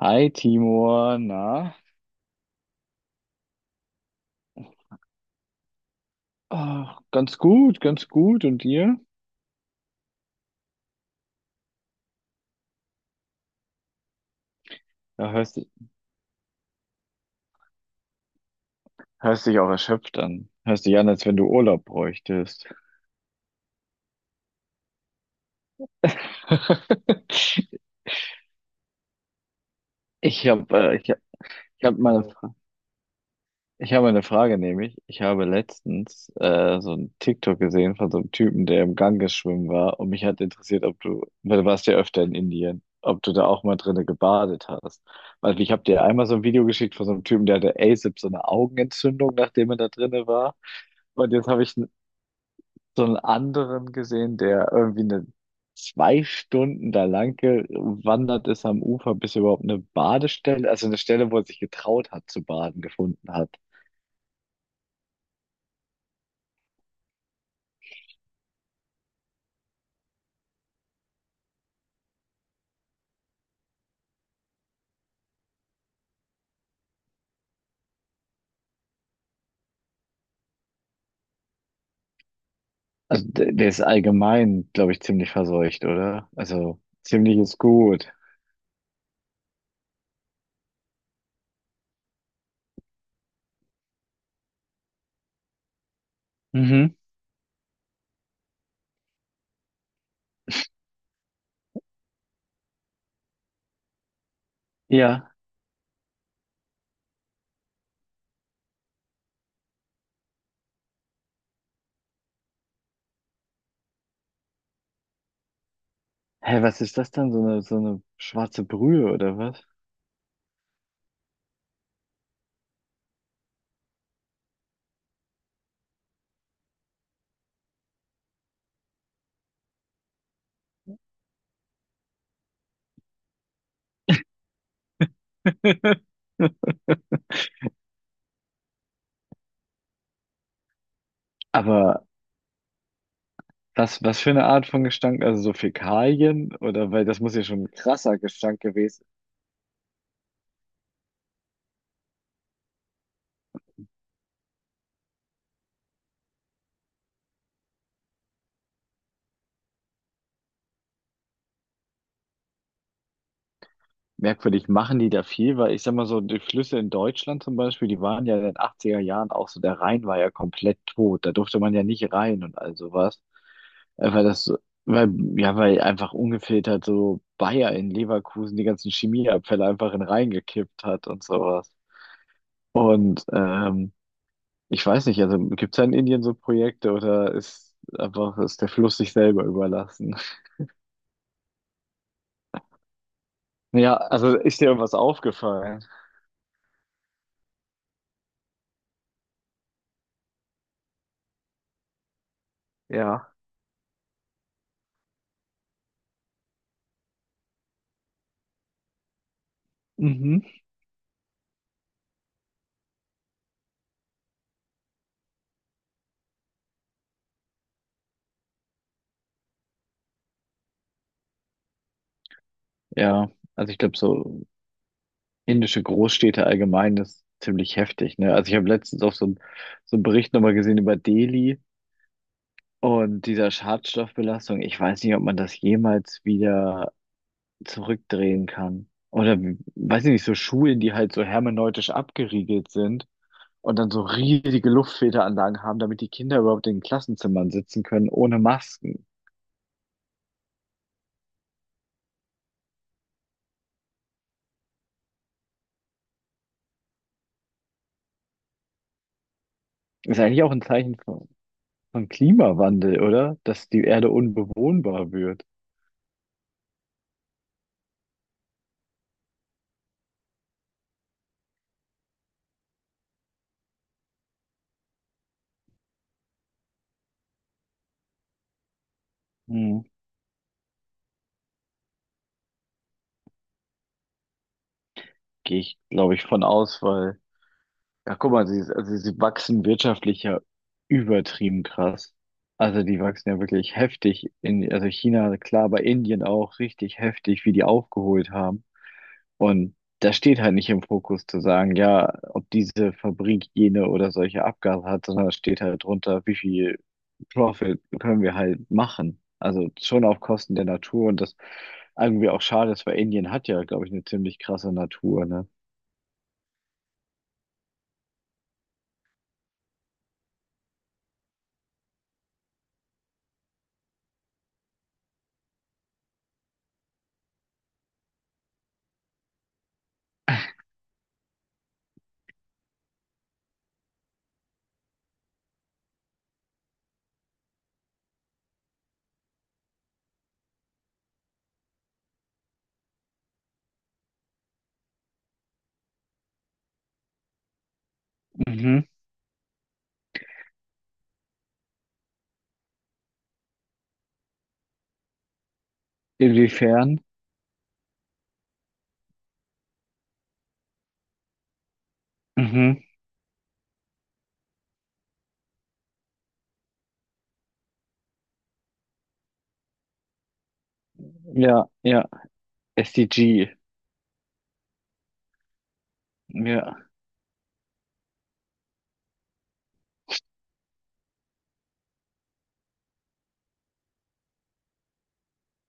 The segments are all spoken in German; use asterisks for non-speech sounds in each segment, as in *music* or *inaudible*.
Hi Timur, na? Ah, ganz gut, ganz gut. Und dir? Ja, hörst dich, Hörst dich auch erschöpft an. Hörst dich an, als wenn du Urlaub bräuchtest. *laughs* Ich habe ich hab meine Ich habe eine Frage, nämlich, ich habe letztens so ein TikTok gesehen von so einem Typen, der im Ganges schwimmen war, und mich hat interessiert, ob du, weil du warst ja öfter in Indien, ob du da auch mal drinne gebadet hast. Weil ich habe dir einmal so ein Video geschickt von so einem Typen, der hatte ASAP so eine Augenentzündung, nachdem er da drinne war. Und jetzt habe so einen anderen gesehen, der irgendwie eine 2 Stunden da lang gewandert ist am Ufer, bis er überhaupt eine Badestelle, also eine Stelle, wo er sich getraut hat zu baden, gefunden hat. Also der ist allgemein, glaube ich, ziemlich verseucht, oder? Also ziemlich ist gut. Mhm. Ja. Hä, was ist das dann? So eine schwarze Brühe oder was? *laughs* Aber was, was für eine Art von Gestank? Also so Fäkalien? Oder weil das muss ja schon ein krasser Gestank gewesen. Merkwürdig, machen die da viel, weil ich sag mal so, die Flüsse in Deutschland zum Beispiel, die waren ja in den 80er Jahren auch so, der Rhein war ja komplett tot, da durfte man ja nicht rein und all sowas. Weil das, so- weil, ja, weil einfach ungefiltert so Bayer in Leverkusen die ganzen Chemieabfälle einfach in den Rhein gekippt hat und sowas. Und ich weiß nicht, also gibt es da in Indien so Projekte oder ist der Fluss sich selber überlassen? *laughs* Ja, also ist dir irgendwas aufgefallen? Ja. Mhm. Ja, also ich glaube, so indische Großstädte allgemein ist ziemlich heftig, ne? Also ich habe letztens auch so einen Bericht nochmal gesehen über Delhi und dieser Schadstoffbelastung. Ich weiß nicht, ob man das jemals wieder zurückdrehen kann. Oder weiß ich nicht, so Schulen, die halt so hermeneutisch abgeriegelt sind und dann so riesige Luftfilteranlagen haben, damit die Kinder überhaupt in den Klassenzimmern sitzen können, ohne Masken. Ist eigentlich auch ein Zeichen von Klimawandel, oder? Dass die Erde unbewohnbar wird. Hm. Gehe ich, glaube ich, von aus, weil, ja, guck mal, also sie wachsen wirtschaftlich ja übertrieben krass. Also die wachsen ja wirklich heftig in, also China, klar, aber Indien auch richtig heftig, wie die aufgeholt haben. Und da steht halt nicht im Fokus zu sagen, ja, ob diese Fabrik jene oder solche Abgase hat, sondern da steht halt drunter, wie viel Profit können wir halt machen. Also schon auf Kosten der Natur, und das irgendwie auch schade ist, weil Indien hat ja, glaube ich, eine ziemlich krasse Natur, ne? Mhm. Inwiefern? Mhm. Ja, ja. SDG. Ja,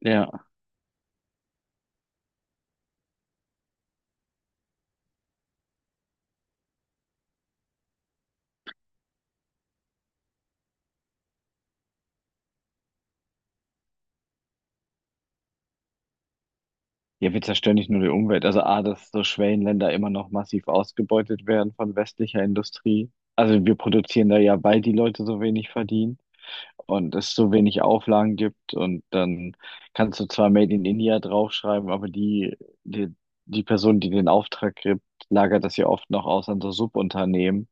ja. Ja, wir zerstören nicht nur die Umwelt. Also A, dass so Schwellenländer immer noch massiv ausgebeutet werden von westlicher Industrie. Also wir produzieren da ja, weil die Leute so wenig verdienen und es so wenig Auflagen gibt. Und dann kannst du zwar Made in India draufschreiben, aber die, die Person, die den Auftrag gibt, lagert das ja oft noch aus an so Subunternehmen,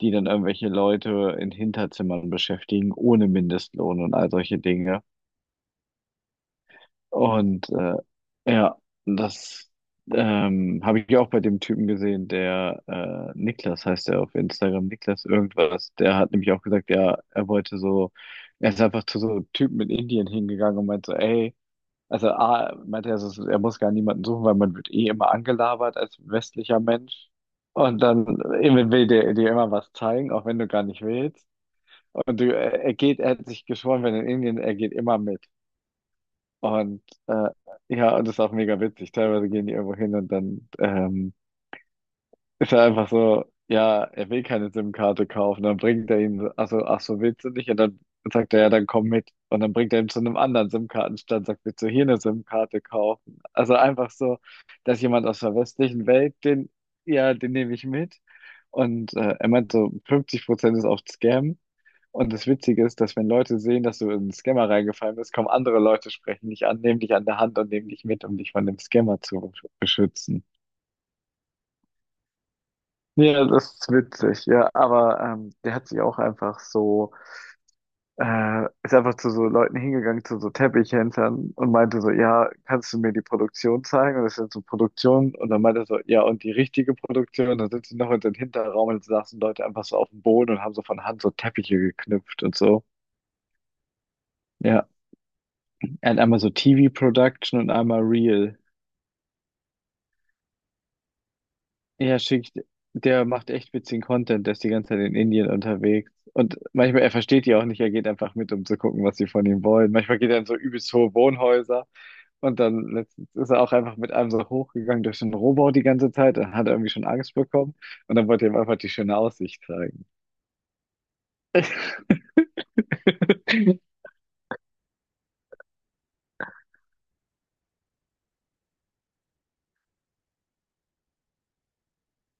die dann irgendwelche Leute in Hinterzimmern beschäftigen, ohne Mindestlohn und all solche Dinge. Und ja, das habe ich auch bei dem Typen gesehen, der Niklas heißt er auf Instagram, Niklas irgendwas, der hat nämlich auch gesagt, ja, er wollte so, er ist einfach zu so Typen in Indien hingegangen und meinte so, ey, also A, meinte er, er muss gar niemanden suchen, weil man wird eh immer angelabert als westlicher Mensch. Und dann will der dir immer was zeigen, auch wenn du gar nicht willst. Und du, er geht, er hat sich geschworen, wenn in Indien, er geht immer mit. Und ja, und das ist auch mega witzig. Teilweise gehen die irgendwo hin und dann ist er einfach so, ja, er will keine SIM-Karte kaufen. Dann bringt er ihn, also, ach so, willst du nicht? Und dann sagt er, ja, dann komm mit. Und dann bringt er ihn zu einem anderen SIM-Kartenstand, sagt, willst du hier eine SIM-Karte kaufen? Also einfach so, dass jemand aus der westlichen ja, den nehme ich mit. Und er meint so, 50% ist oft Scam. Und das Witzige ist, dass wenn Leute sehen, dass du in einen Scammer reingefallen bist, kommen andere Leute, sprechen dich an, nehmen dich an der Hand und nehmen dich mit, um dich von dem Scammer zu beschützen. Ja, das ist witzig, ja, aber der hat sich auch einfach so, ist einfach zu so Leuten hingegangen, zu so Teppichhändlern und meinte so, ja, kannst du mir die Produktion zeigen? Und das sind so Produktionen und dann meinte er so, ja, und die richtige Produktion, und dann sind sie noch in den Hinterraum und saßen Leute einfach so auf dem Boden und haben so von Hand so Teppiche geknüpft und so. Ja. Er hat einmal so TV-Production und einmal Real. Ja, schickt, der macht echt witzigen Content, der ist die ganze Zeit in Indien unterwegs. Und manchmal, er versteht die auch nicht, er geht einfach mit, um zu gucken, was sie von ihm wollen. Manchmal geht er in so übelst hohe Wohnhäuser und dann letztens ist er auch einfach mit einem so hochgegangen durch den Rohbau die ganze Zeit, dann hat er irgendwie schon Angst bekommen und dann wollte er ihm einfach die schöne Aussicht zeigen. *laughs*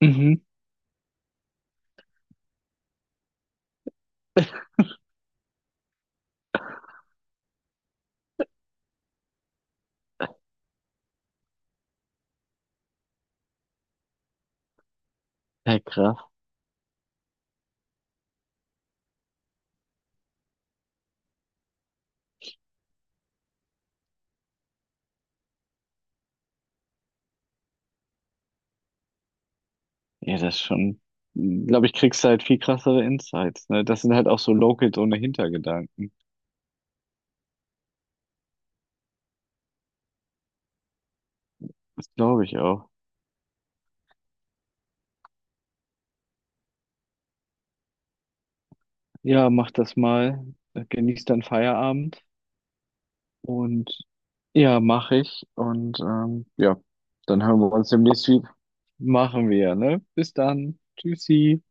Mhm. Ja, krass. Ja, das ist schon, glaube ich, kriegst du halt viel krassere Insights, ne? Das sind halt auch so Locals ohne Hintergedanken. Das glaube ich auch. Ja, mach das mal. Genieß deinen Feierabend. Und ja, mache ich. Und ja, dann hören wir uns demnächst wieder. Machen wir, ne? Bis dann. Tschüssi.